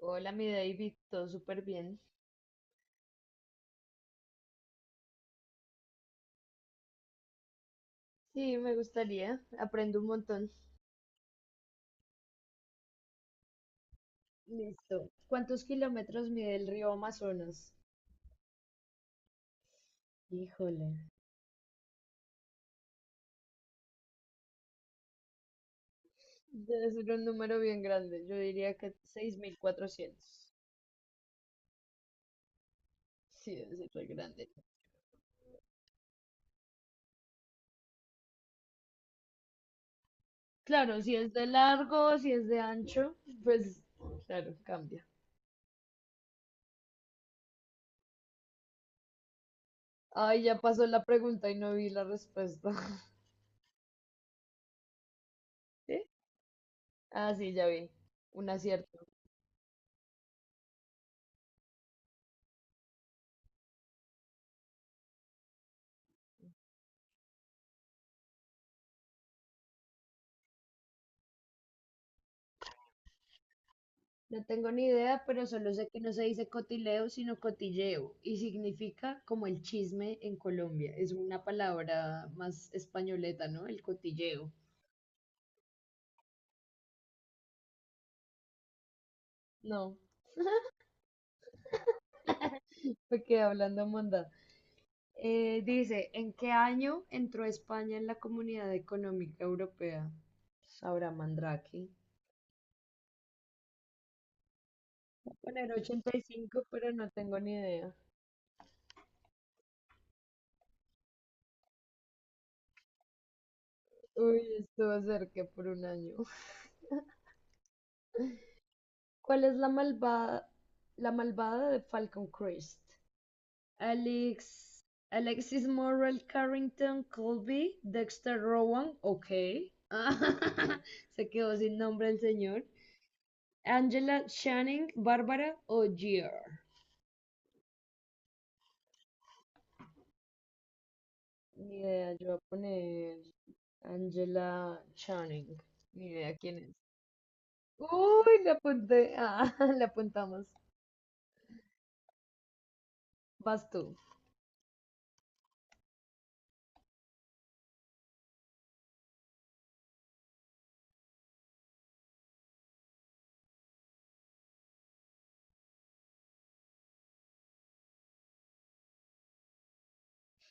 Hola, mi David, todo súper bien. Sí, me gustaría, aprendo un montón. Listo. ¿Cuántos kilómetros mide el río Amazonas? Híjole. Debe ser un número bien grande, yo diría que 6400. Sí, debe ser muy grande. Claro, si es de largo, si es de ancho, pues claro, cambia. Ay, ya pasó la pregunta y no vi la respuesta. ¿Sí? Ah, sí, ya vi. Un acierto. No tengo ni idea, pero solo sé que no se dice cotileo, sino cotilleo, y significa como el chisme en Colombia. Es una palabra más españoleta, ¿no? El cotilleo. No, me quedé hablando mondad. Dice, ¿en qué año entró España en la Comunidad Económica Europea? Sabrá Mandrake. Voy a poner 85, pero no tengo ni idea. Uy, estuvo cerca por un año. ¿Cuál es la malvada de Falcon Crest? Alex, Alexis Morrell Carrington Colby, Dexter Rowan, ok. Se quedó sin nombre el señor. Angela Channing, Bárbara O'Gear. Ni idea, yo voy a poner Angela Channing. Ni idea quién es. Uy, la apunté. Ah, la apuntamos. Vas tú.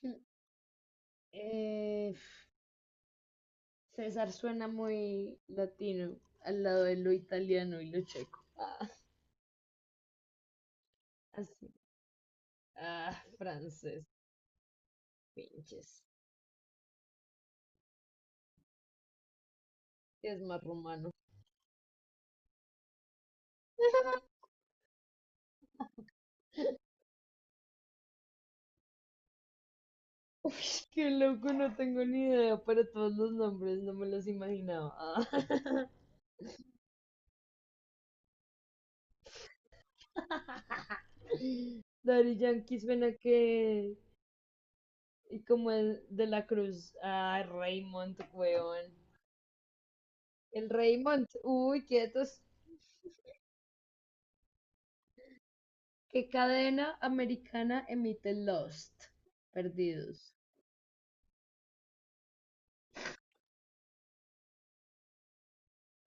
Eh, César suena muy latino al lado de lo italiano y lo checo. Ah, así. Ah, francés, pinches. Es más rumano. Qué loco, no tengo ni idea para todos los nombres, no me los imaginaba. Ah. Daddy Yankee suena que. Y como el de la Cruz. Ah, Raymond, weón. El Raymond, uy, quietos. ¿Qué cadena americana emite Lost? Perdidos.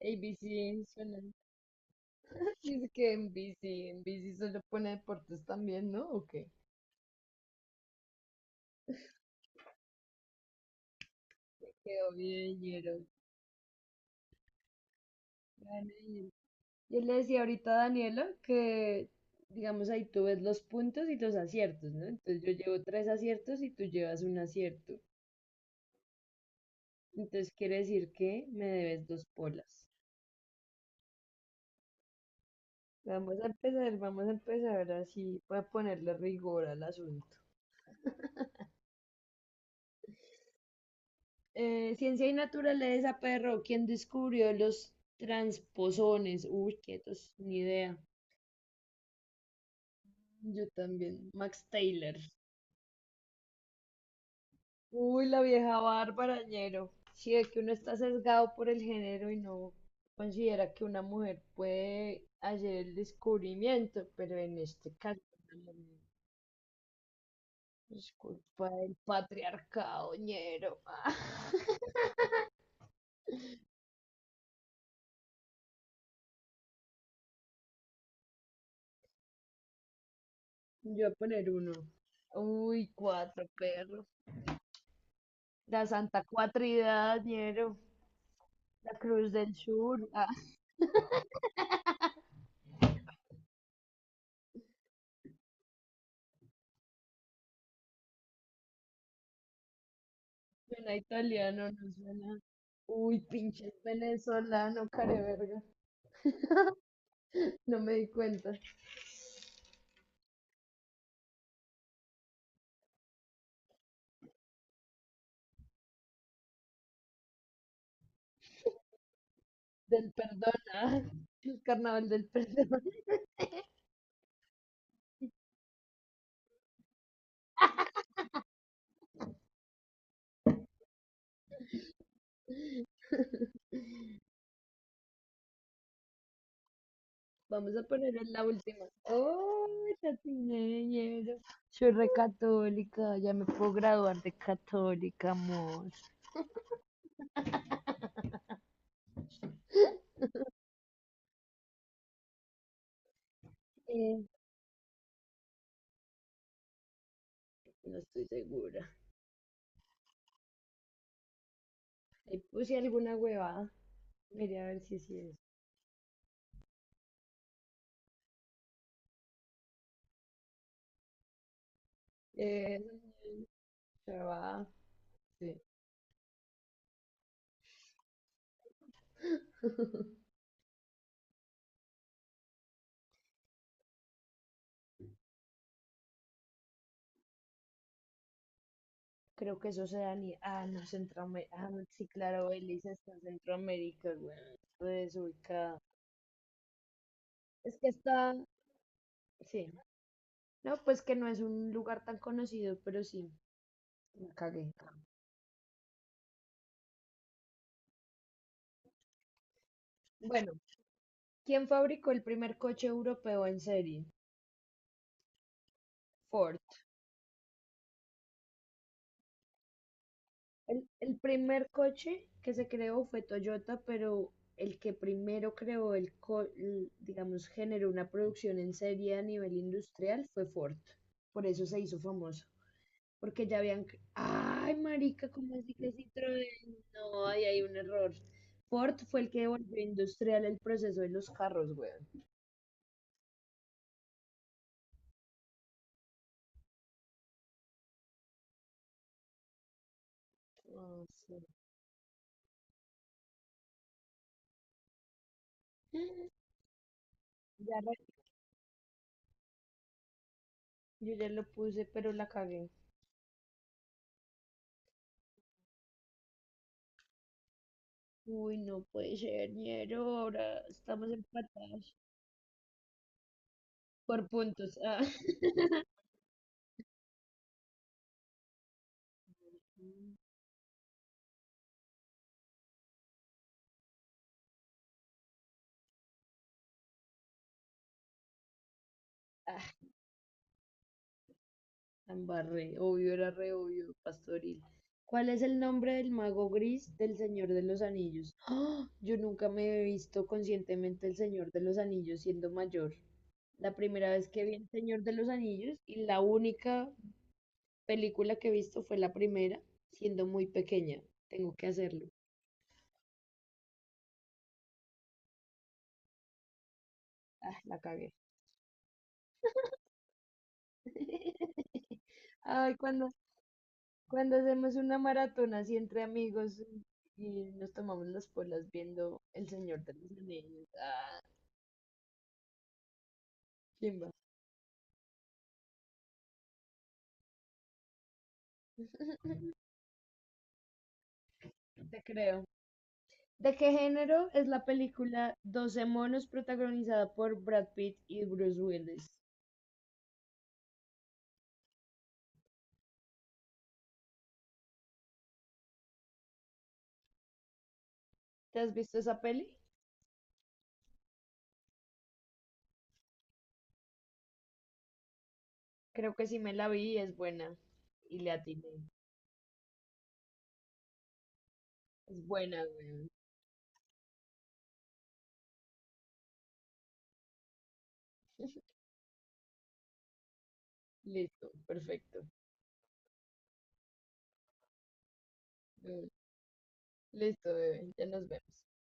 ABC suena. Dice que en NBC solo pone deportes también, ¿no? ¿O qué? Qué obvio, dinero. Gana bien. Yo le decía ahorita a Daniela que, digamos, ahí tú ves los puntos y los aciertos, ¿no? Entonces yo llevo tres aciertos y tú llevas un acierto. Entonces quiere decir que me debes dos polas. Vamos a empezar así, voy a ponerle rigor al asunto. Ciencia y naturaleza, perro. ¿Quién descubrió los transposones? Uy, quietos, ni idea. Yo también. Max Taylor. Uy, la vieja Bárbara Ñero. Sí, es que uno está sesgado por el género y no considera que una mujer puede hacer el descubrimiento, pero en este caso, mm, es culpa del patriarcado Ñero. Yo voy a poner uno. Uy, cuatro perros. La Santa Cuatridad, Ñero. La Cruz del Sur. Ah, suena italiano, no suena. Uy, pinche venezolano, careverga. No me di cuenta del perdón, ah, el carnaval del perdón. Vamos a poner en la última. Oh, tatineña, soy re católica, ya me puedo graduar de católica, amor. Eh, no estoy segura. Ahí puse alguna huevada. Miré a ver si sí es. Eh, Huevada, sí. Creo que eso se da ni. Ah, no, Centroamérica. Ah, no, sí, claro, Elisa está en Centroamérica, güey. Estoy desubicada. Es que está, sí, no, pues que no es un lugar tan conocido, pero sí. Me cagué. Bueno, ¿quién fabricó el primer coche europeo en serie? Ford. El primer coche que se creó fue Toyota, pero el que primero creó digamos, generó una producción en serie a nivel industrial fue Ford. Por eso se hizo famoso. Porque ya habían. Ay, marica, ¿cómo así que Citroën? No, ahí hay un error. Ford fue el que volvió industrial el proceso de los carros, weón. Ah, sí. Ya re- Yo ya lo puse, pero la cagué. Uy, no puede ser, ñero, ahora estamos empatados por puntos. Ah. Ah. Ambarré obvio, era re obvio, pastoril. ¿Cuál es el nombre del mago gris del Señor de los Anillos? ¡Ah! Yo nunca me he visto conscientemente el Señor de los Anillos siendo mayor. La primera vez que vi el Señor de los Anillos y la única película que he visto fue la primera, siendo muy pequeña. Tengo que hacerlo. Ah, la cagué. Ay, cuando hacemos una maratona así entre amigos y nos tomamos las polas viendo El Señor de los Anillos. Ah, chimba, te creo. ¿De qué género es la película Doce monos protagonizada por Brad Pitt y Bruce Willis? ¿Te has visto esa peli? Creo que sí me la vi y es buena. Y le atiné. Es buena, weón. Listo, perfecto. Mm. Listo, bebé. Ya nos vemos.